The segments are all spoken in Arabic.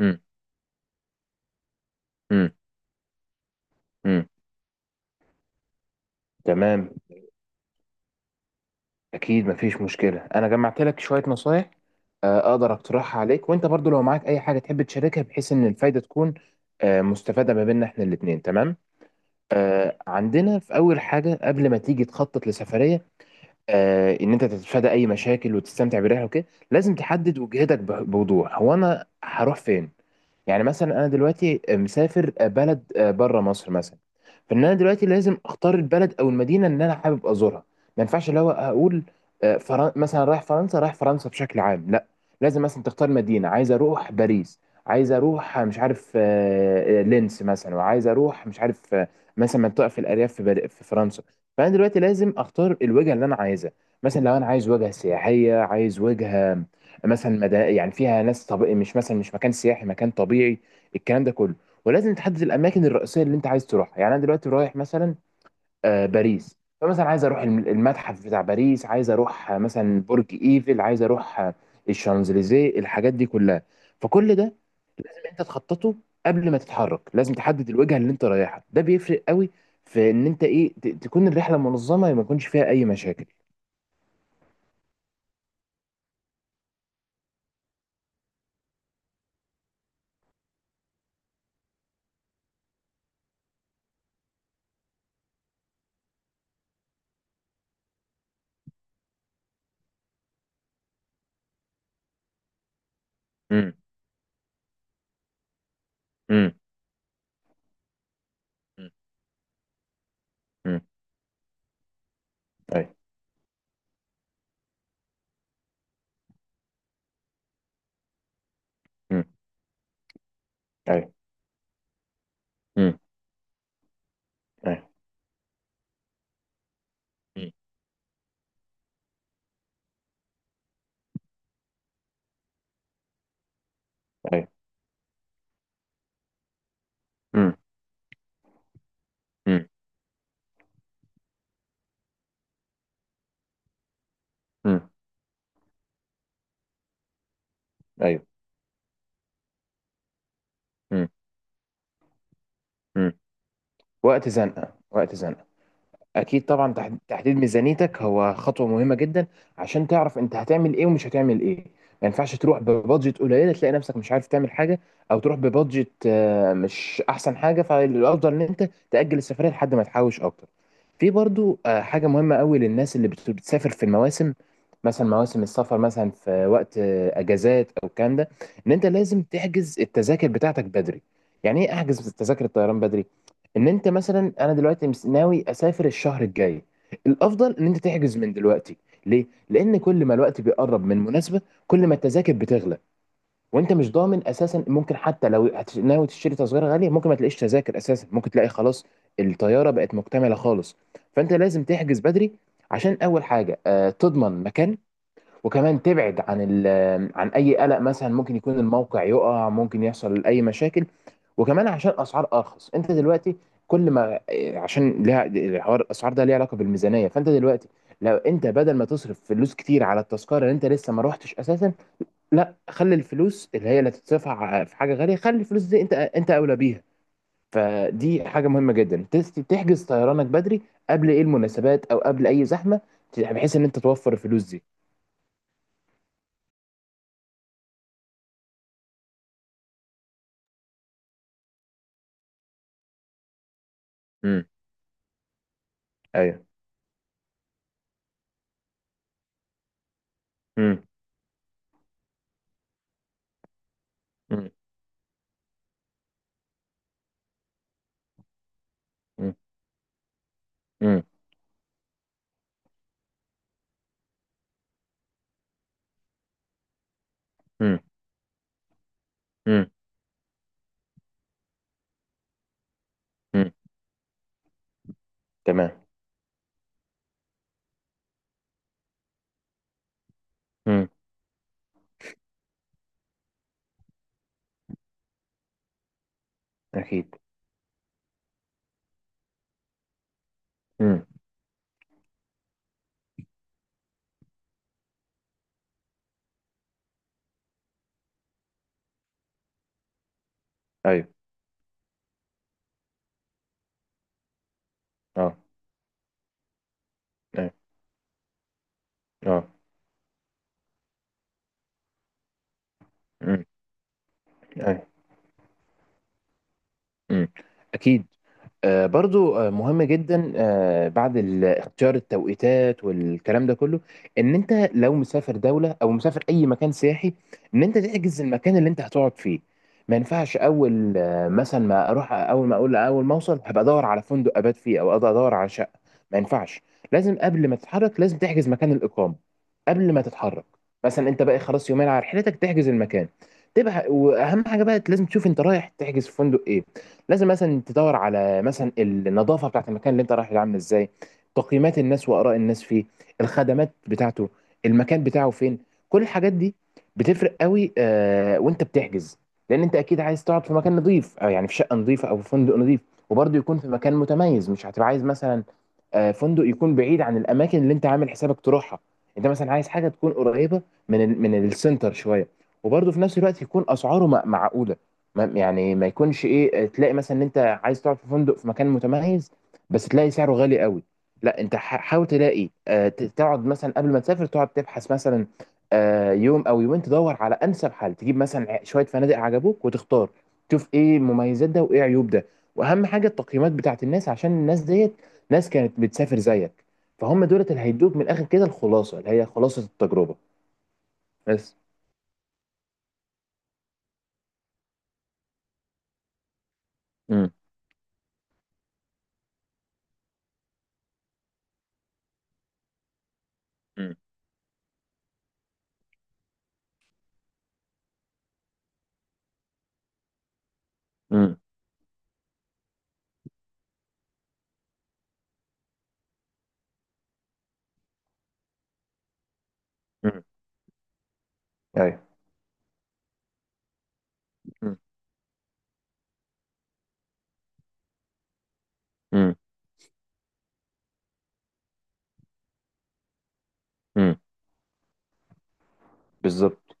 مم. مم. مم. تمام. اكيد مفيش مشكله، انا جمعت لك شويه نصايح، اقدر اقترحها عليك، وانت برضو لو معاك اي حاجه تحب تشاركها بحيث ان الفايده تكون مستفاده ما بيننا احنا الاثنين. تمام، عندنا في اول حاجه قبل ما تيجي تخطط لسفريه، ان انت تتفادى اي مشاكل وتستمتع بالرحله وكده. لازم تحدد وجهتك بوضوح، هو انا هروح فين؟ يعني مثلا انا دلوقتي مسافر بلد بره مصر مثلا. فان انا دلوقتي لازم اختار البلد او المدينه اللي انا حابب ازورها. ما ينفعش اللي هو اقول مثلا رايح فرنسا، رايح فرنسا بشكل عام، لا، لازم مثلا تختار مدينه، عايز اروح باريس، عايز اروح مش عارف، لينس مثلا، وعايز اروح مش عارف مثلا منطقه في الارياف في فرنسا. فانا دلوقتي لازم اختار الوجهه اللي انا عايزها. مثلا لو انا عايز وجهه سياحيه، عايز وجهه مثلا يعني فيها ناس، مش مثلا مش مكان سياحي، مكان طبيعي، الكلام ده كله. ولازم تحدد الاماكن الرئيسيه اللي انت عايز تروحها. يعني انا دلوقتي رايح مثلا باريس، فمثلا عايز اروح المتحف بتاع باريس، عايز اروح مثلا برج ايفل، عايز اروح الشانزليزيه، الحاجات دي كلها. فكل ده انت تخططه. قبل ما تتحرك لازم تحدد الوجهه اللي انت رايحها، ده بيفرق قوي في ان انت تكون الرحله منظمه، ما يكونش فيها اي مشاكل. امم. امم. امم. اي. امم. اي. امم. مم. ايوه. امم. امم. امم. ايوه. امم. امم. وقت زنقه وقت زنقه. اكيد طبعا، تحديد ميزانيتك هو خطوه مهمه جدا عشان تعرف انت هتعمل ايه ومش هتعمل ايه. ما ينفعش تروح ببادجت قليله، تلاقي نفسك مش عارف تعمل حاجه، او تروح ببادجت مش احسن حاجه. فالافضل ان انت تاجل السفريه لحد ما تحوش اكتر. في برضو حاجه مهمه قوي للناس اللي بتسافر في المواسم، مثلا مواسم السفر مثلا في وقت اجازات او الكلام ده، ان انت لازم تحجز التذاكر بتاعتك بدري. يعني ايه؟ احجز تذاكر الطيران بدري. ان انت مثلا، انا دلوقتي ناوي اسافر الشهر الجاي، الافضل ان انت تحجز من دلوقتي. ليه؟ لان كل ما الوقت بيقرب من مناسبه، كل ما التذاكر بتغلى. وانت مش ضامن اساسا، ممكن حتى لو ناوي تشتري تذكره غاليه، ممكن ما تلاقيش تذاكر اساسا، ممكن تلاقي خلاص الطياره بقت مكتمله خالص. فانت لازم تحجز بدري، عشان اول حاجه تضمن مكان، وكمان تبعد عن عن اي قلق، مثلا ممكن يكون الموقع يقع، ممكن يحصل اي مشاكل. وكمان عشان اسعار ارخص، انت دلوقتي كل ما إيه، عشان ليها الحوار، الاسعار ده ليها علاقه بالميزانيه. فانت دلوقتي لو انت بدل ما تصرف فلوس كتير على التذكره اللي انت لسه ما روحتش اساسا، لا، خلي الفلوس اللي هي اللي هتتصرف في حاجه غاليه، خلي الفلوس دي، انت اولى بيها. فدي حاجه مهمه جدا، تحجز طيرانك بدري قبل ايه المناسبات او قبل اي زحمه، بحيث ان انت توفر الفلوس دي. امم. ايوه. مم. مم. مم. مم. مم. مم. مم. تمام. مم. أكيد. مم. أيوه. أه. أيوه. أه. مم. أيوه. مم. أكيد. برضو مهم جدا بعد اختيار التوقيتات والكلام ده كله، ان انت لو مسافر دولة او مسافر اي مكان سياحي، ان انت تحجز المكان اللي انت هتقعد فيه. ما ينفعش اول مثلا، ما اروح اول ما اقول، اول ما اوصل هبقى ادور على فندق ابات فيه، او أقدر ادور على شقة. ما ينفعش. لازم قبل ما تتحرك لازم تحجز مكان الاقامة قبل ما تتحرك. مثلا انت بقى خلاص يومين على رحلتك، تحجز المكان. تبقى واهم حاجة بقى لازم تشوف انت رايح تحجز في فندق ايه. لازم مثلا تدور على مثلا النظافه بتاعت المكان اللي انت رايح له عامله ازاي، تقييمات الناس واراء الناس فيه، الخدمات بتاعته، المكان بتاعه فين، كل الحاجات دي بتفرق قوي آه وانت بتحجز. لان انت اكيد عايز تقعد في مكان نظيف، او يعني في شقه نظيفه او في فندق نظيف، وبرضه يكون في مكان متميز. مش هتبقى عايز مثلا فندق يكون بعيد عن الاماكن اللي انت عامل حسابك تروحها. انت مثلا عايز حاجه تكون قريبه من من السنتر شويه، وبرضه في نفس الوقت يكون اسعاره معقوله. يعني ما يكونش ايه، تلاقي مثلا ان انت عايز تقعد في فندق في مكان متميز، بس تلاقي سعره غالي قوي. لا، انت حاول تلاقي تقعد مثلا قبل ما تسافر، تقعد تبحث مثلا يوم او يومين، تدور على انسب حل، تجيب مثلا شويه فنادق عجبوك وتختار، تشوف ايه مميزات ده وايه عيوب ده. واهم حاجه التقييمات بتاعت الناس، عشان الناس ديت ناس كانت بتسافر زيك، فهم دولت اللي هيدوك من الاخر كده الخلاصه اللي هي خلاصه التجربه. بس. امم. امم. امم. ايوه. مم. مم. بالظبط.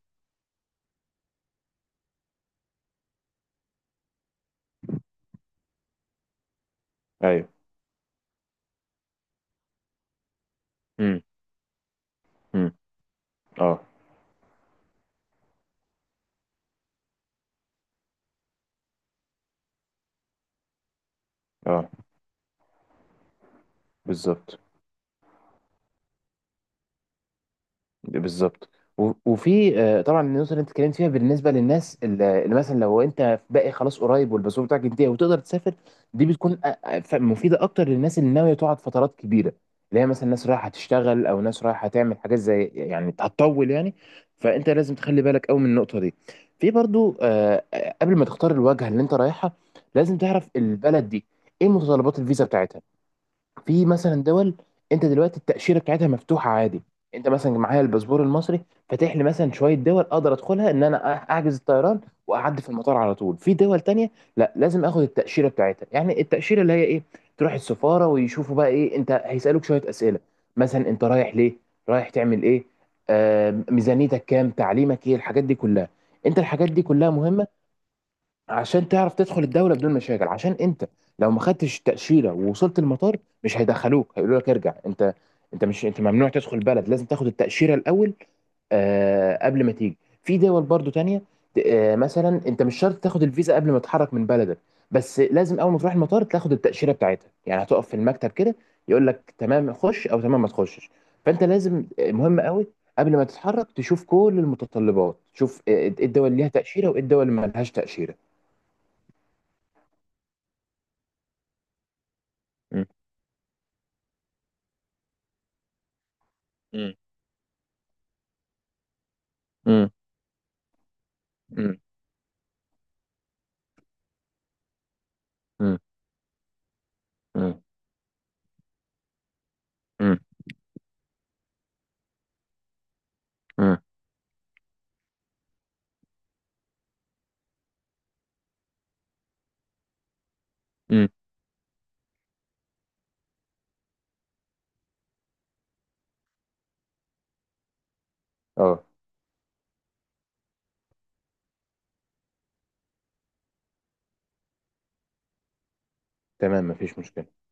ايوه. امم. امم. اه. اه. بالظبط. بالظبط. وفي طبعا النقطه اللي انت اتكلمت فيها بالنسبه للناس اللي مثلا لو انت باقي خلاص قريب والباسبور بتاعك انتهى وتقدر تسافر. دي بتكون مفيده اكتر للناس اللي ناويه تقعد فترات كبيره، اللي هي مثلا ناس رايحه تشتغل او ناس رايحه تعمل حاجات زي، يعني هتطول يعني. فانت لازم تخلي بالك قوي من النقطه دي. في برضو قبل ما تختار الوجهه اللي انت رايحها، لازم تعرف البلد دي ايه متطلبات الفيزا بتاعتها. في مثلا دول انت دلوقتي التاشيره بتاعتها مفتوحه عادي، انت مثلا معايا الباسبور المصري فاتح لي مثلا شويه دول، اقدر ادخلها ان انا احجز الطيران واعدي في المطار على طول. في دول تانية لا، لازم اخد التاشيره بتاعتها، يعني التاشيره اللي هي ايه، تروح السفاره ويشوفوا بقى ايه، انت هيسالوك شويه اسئله، مثلا انت رايح ليه، رايح تعمل ايه، آه ميزانيتك كام، تعليمك ايه، الحاجات دي كلها. انت الحاجات دي كلها مهمه، عشان تعرف تدخل الدوله بدون مشاكل. عشان انت لو ما خدتش تاشيره ووصلت المطار، مش هيدخلوك، هيقولوا لك ارجع انت. انت مش انت ممنوع تدخل البلد، لازم تاخد التاشيره الاول آه قبل ما تيجي. في دول برضو تانية، آه مثلا انت مش شرط تاخد الفيزا قبل ما تتحرك من بلدك، بس لازم اول ما تروح المطار تاخد التاشيره بتاعتها، يعني هتقف في المكتب كده، يقول لك تمام خش او تمام ما تخشش. فانت لازم مهم قوي قبل ما تتحرك تشوف كل المتطلبات، تشوف ايه الدول اللي ليها تاشيره وايه الدول اللي ما لهاش تاشيره. مم. مم. مم. مم. مم. مم. مم. اه، تمام، مفيش مشكلة.